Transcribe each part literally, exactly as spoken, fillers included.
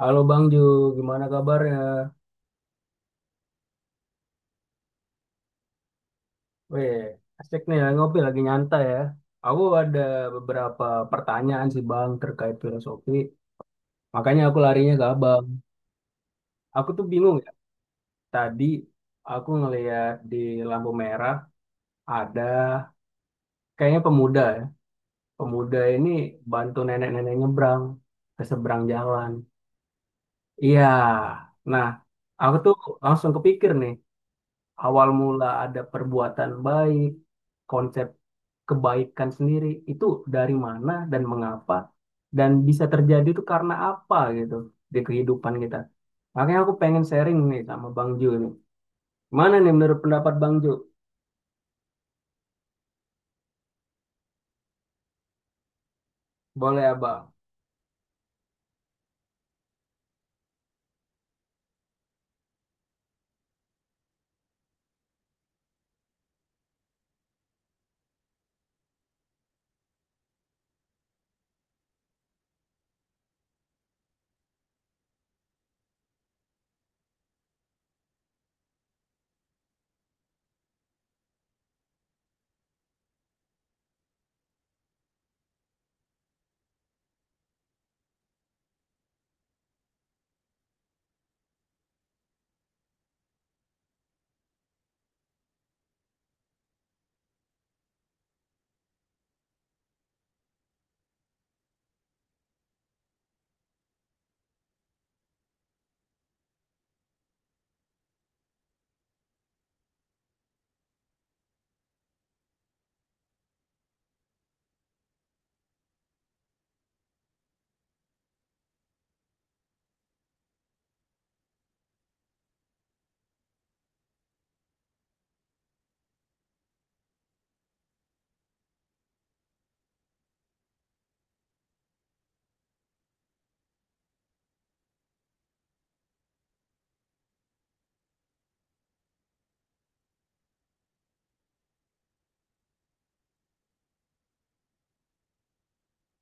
Halo Bang Ju, gimana kabarnya? Weh, asik nih ya, ngopi lagi nyantai ya. Aku ada beberapa pertanyaan sih Bang terkait filosofi, makanya aku larinya ke Abang. Aku tuh bingung ya, tadi aku ngeliat di lampu merah ada kayaknya pemuda ya. Pemuda ini bantu nenek-nenek nyebrang ke seberang jalan. Iya, nah aku tuh langsung kepikir nih, awal mula ada perbuatan baik, konsep kebaikan sendiri itu dari mana dan mengapa dan bisa terjadi itu karena apa gitu di kehidupan kita. Makanya aku pengen sharing nih sama Bang Ju nih. Mana nih menurut pendapat Bang Ju? Boleh Abang.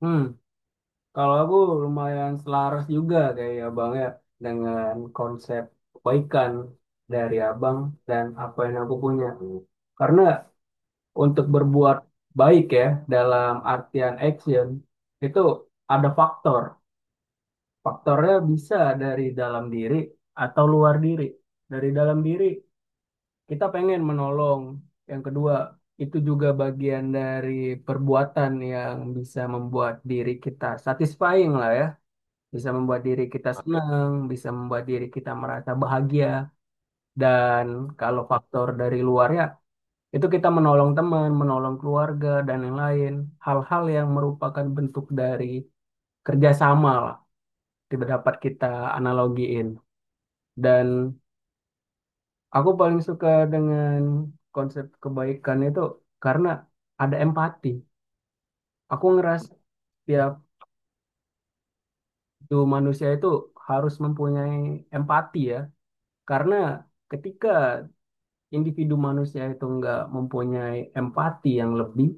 Hmm, kalau aku lumayan selaras juga kayak Abang ya dengan konsep kebaikan dari Abang dan apa yang aku punya. Karena untuk berbuat baik ya, dalam artian action, itu ada faktor. Faktornya bisa dari dalam diri atau luar diri. Dari dalam diri kita pengen menolong. Yang kedua, itu juga bagian dari perbuatan yang bisa membuat diri kita satisfying lah ya. Bisa membuat diri kita senang, bisa membuat diri kita merasa bahagia. Dan kalau faktor dari luarnya itu kita menolong teman, menolong keluarga, dan yang lain. Hal-hal yang merupakan bentuk dari kerjasama lah. Tidak dapat kita analogiin. Dan aku paling suka dengan konsep kebaikan itu karena ada empati. Aku ngerasa tiap itu manusia itu harus mempunyai empati ya. Karena ketika individu manusia itu nggak mempunyai empati yang lebih,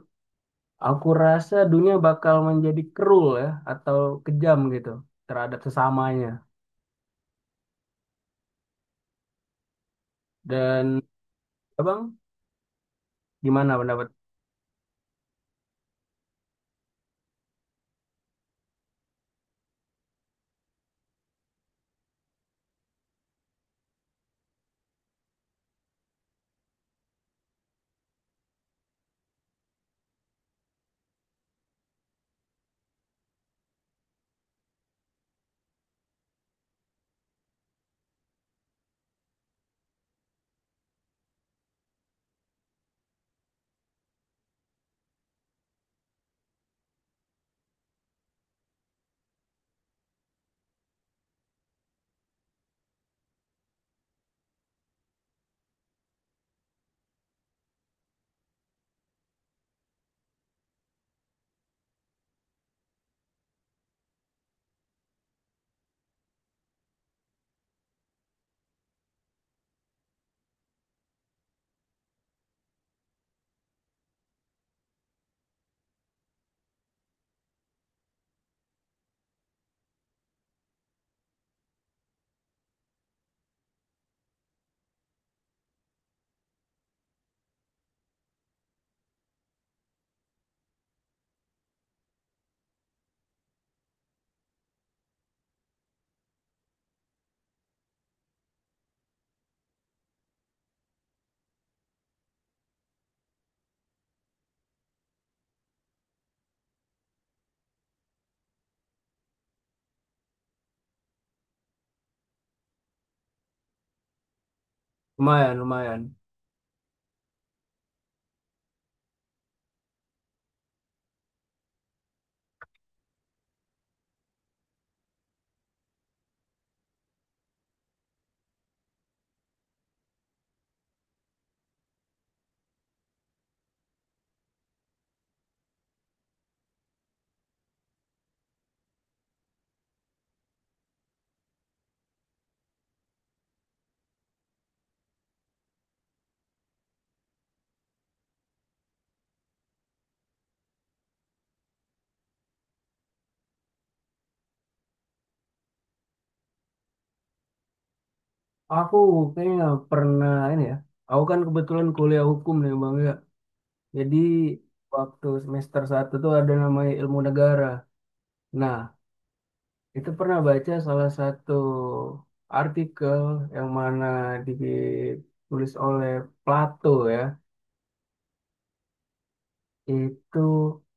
aku rasa dunia bakal menjadi cruel ya, atau kejam gitu terhadap sesamanya. Dan abang gimana pendapat? Lumayan, lumayan. Aku kayaknya pernah ini ya. Aku kan kebetulan kuliah hukum nih bang ya. Jadi waktu semester satu tuh ada namanya ilmu negara. Nah itu pernah baca salah satu artikel yang mana ditulis oleh Plato ya. Itu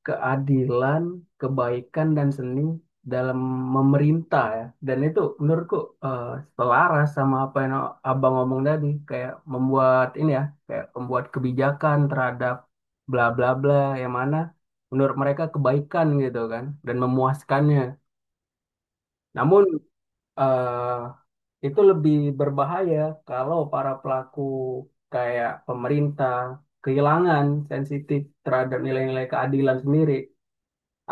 keadilan, kebaikan dan seni dalam memerintah ya. Dan itu menurutku eh, selaras sama apa yang Abang ngomong tadi, kayak membuat ini ya, kayak membuat kebijakan terhadap bla bla bla yang mana menurut mereka kebaikan gitu kan dan memuaskannya. Namun eh, itu lebih berbahaya kalau para pelaku kayak pemerintah kehilangan sensitif terhadap nilai-nilai keadilan sendiri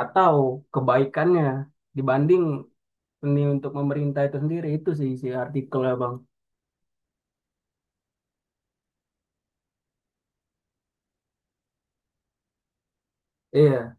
atau kebaikannya dibanding ini untuk pemerintah itu sendiri, itu sih isi artikel ya bang. Iya.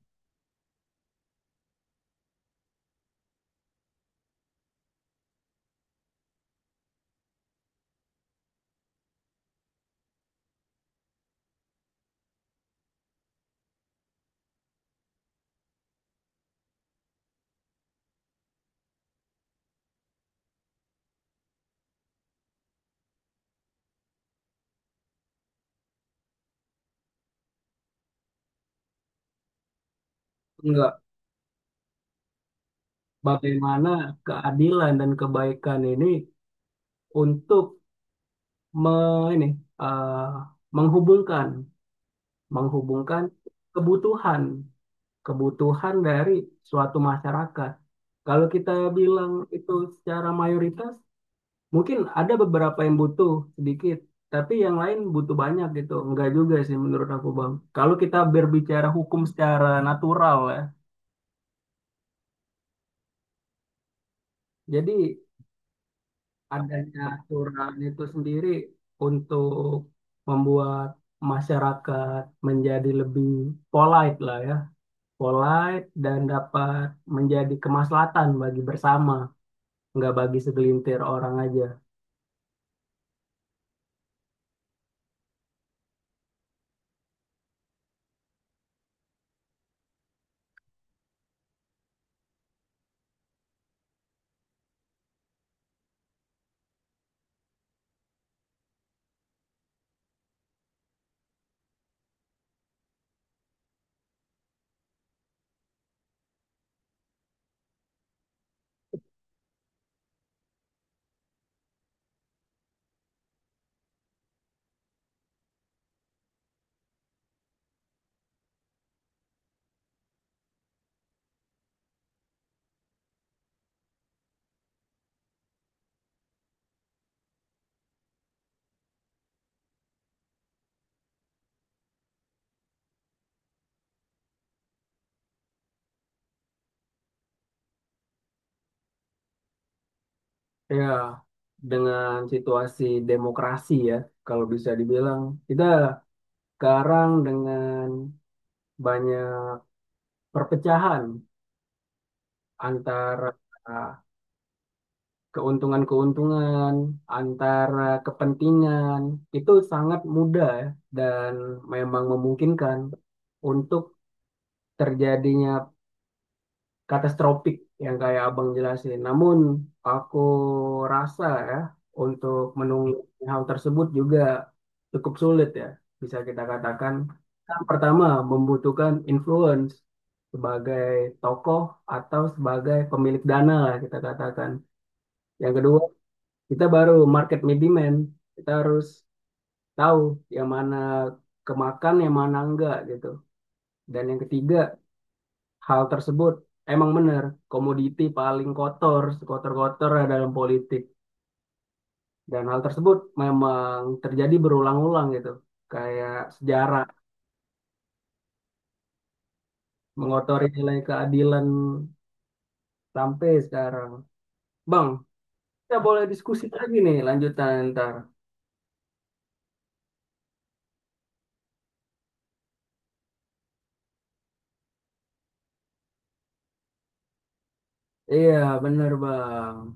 Enggak, bagaimana keadilan dan kebaikan ini untuk me- ini eh, menghubungkan menghubungkan kebutuhan kebutuhan dari suatu masyarakat, kalau kita bilang itu secara mayoritas. Mungkin ada beberapa yang butuh sedikit, tapi yang lain butuh banyak gitu. Enggak juga sih menurut aku, Bang. Kalau kita berbicara hukum secara natural ya, jadi adanya aturan itu sendiri untuk membuat masyarakat menjadi lebih polite lah ya. Polite dan dapat menjadi kemaslahatan bagi bersama, enggak bagi segelintir orang aja. Ya, dengan situasi demokrasi ya, kalau bisa dibilang. Kita sekarang dengan banyak perpecahan antara keuntungan-keuntungan, antara kepentingan, itu sangat mudah ya, dan memang memungkinkan untuk terjadinya katastropik yang kayak abang jelasin. Namun aku rasa ya untuk menunggu hal tersebut juga cukup sulit ya. Bisa kita katakan, yang pertama membutuhkan influence sebagai tokoh atau sebagai pemilik dana lah kita katakan. Yang kedua, kita baru market middleman. Kita harus tahu yang mana kemakan yang mana enggak gitu. Dan yang ketiga, hal tersebut emang benar, komoditi paling kotor, kotor-kotor dalam politik. Dan hal tersebut memang terjadi berulang-ulang gitu. Kayak sejarah mengotori nilai keadilan sampai sekarang. Bang, kita boleh diskusi lagi nih lanjutan ntar. Iya, benar Bang.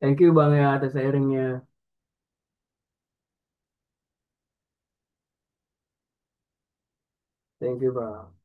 Thank you Bang ya atas sharingnya. Thank you Bang.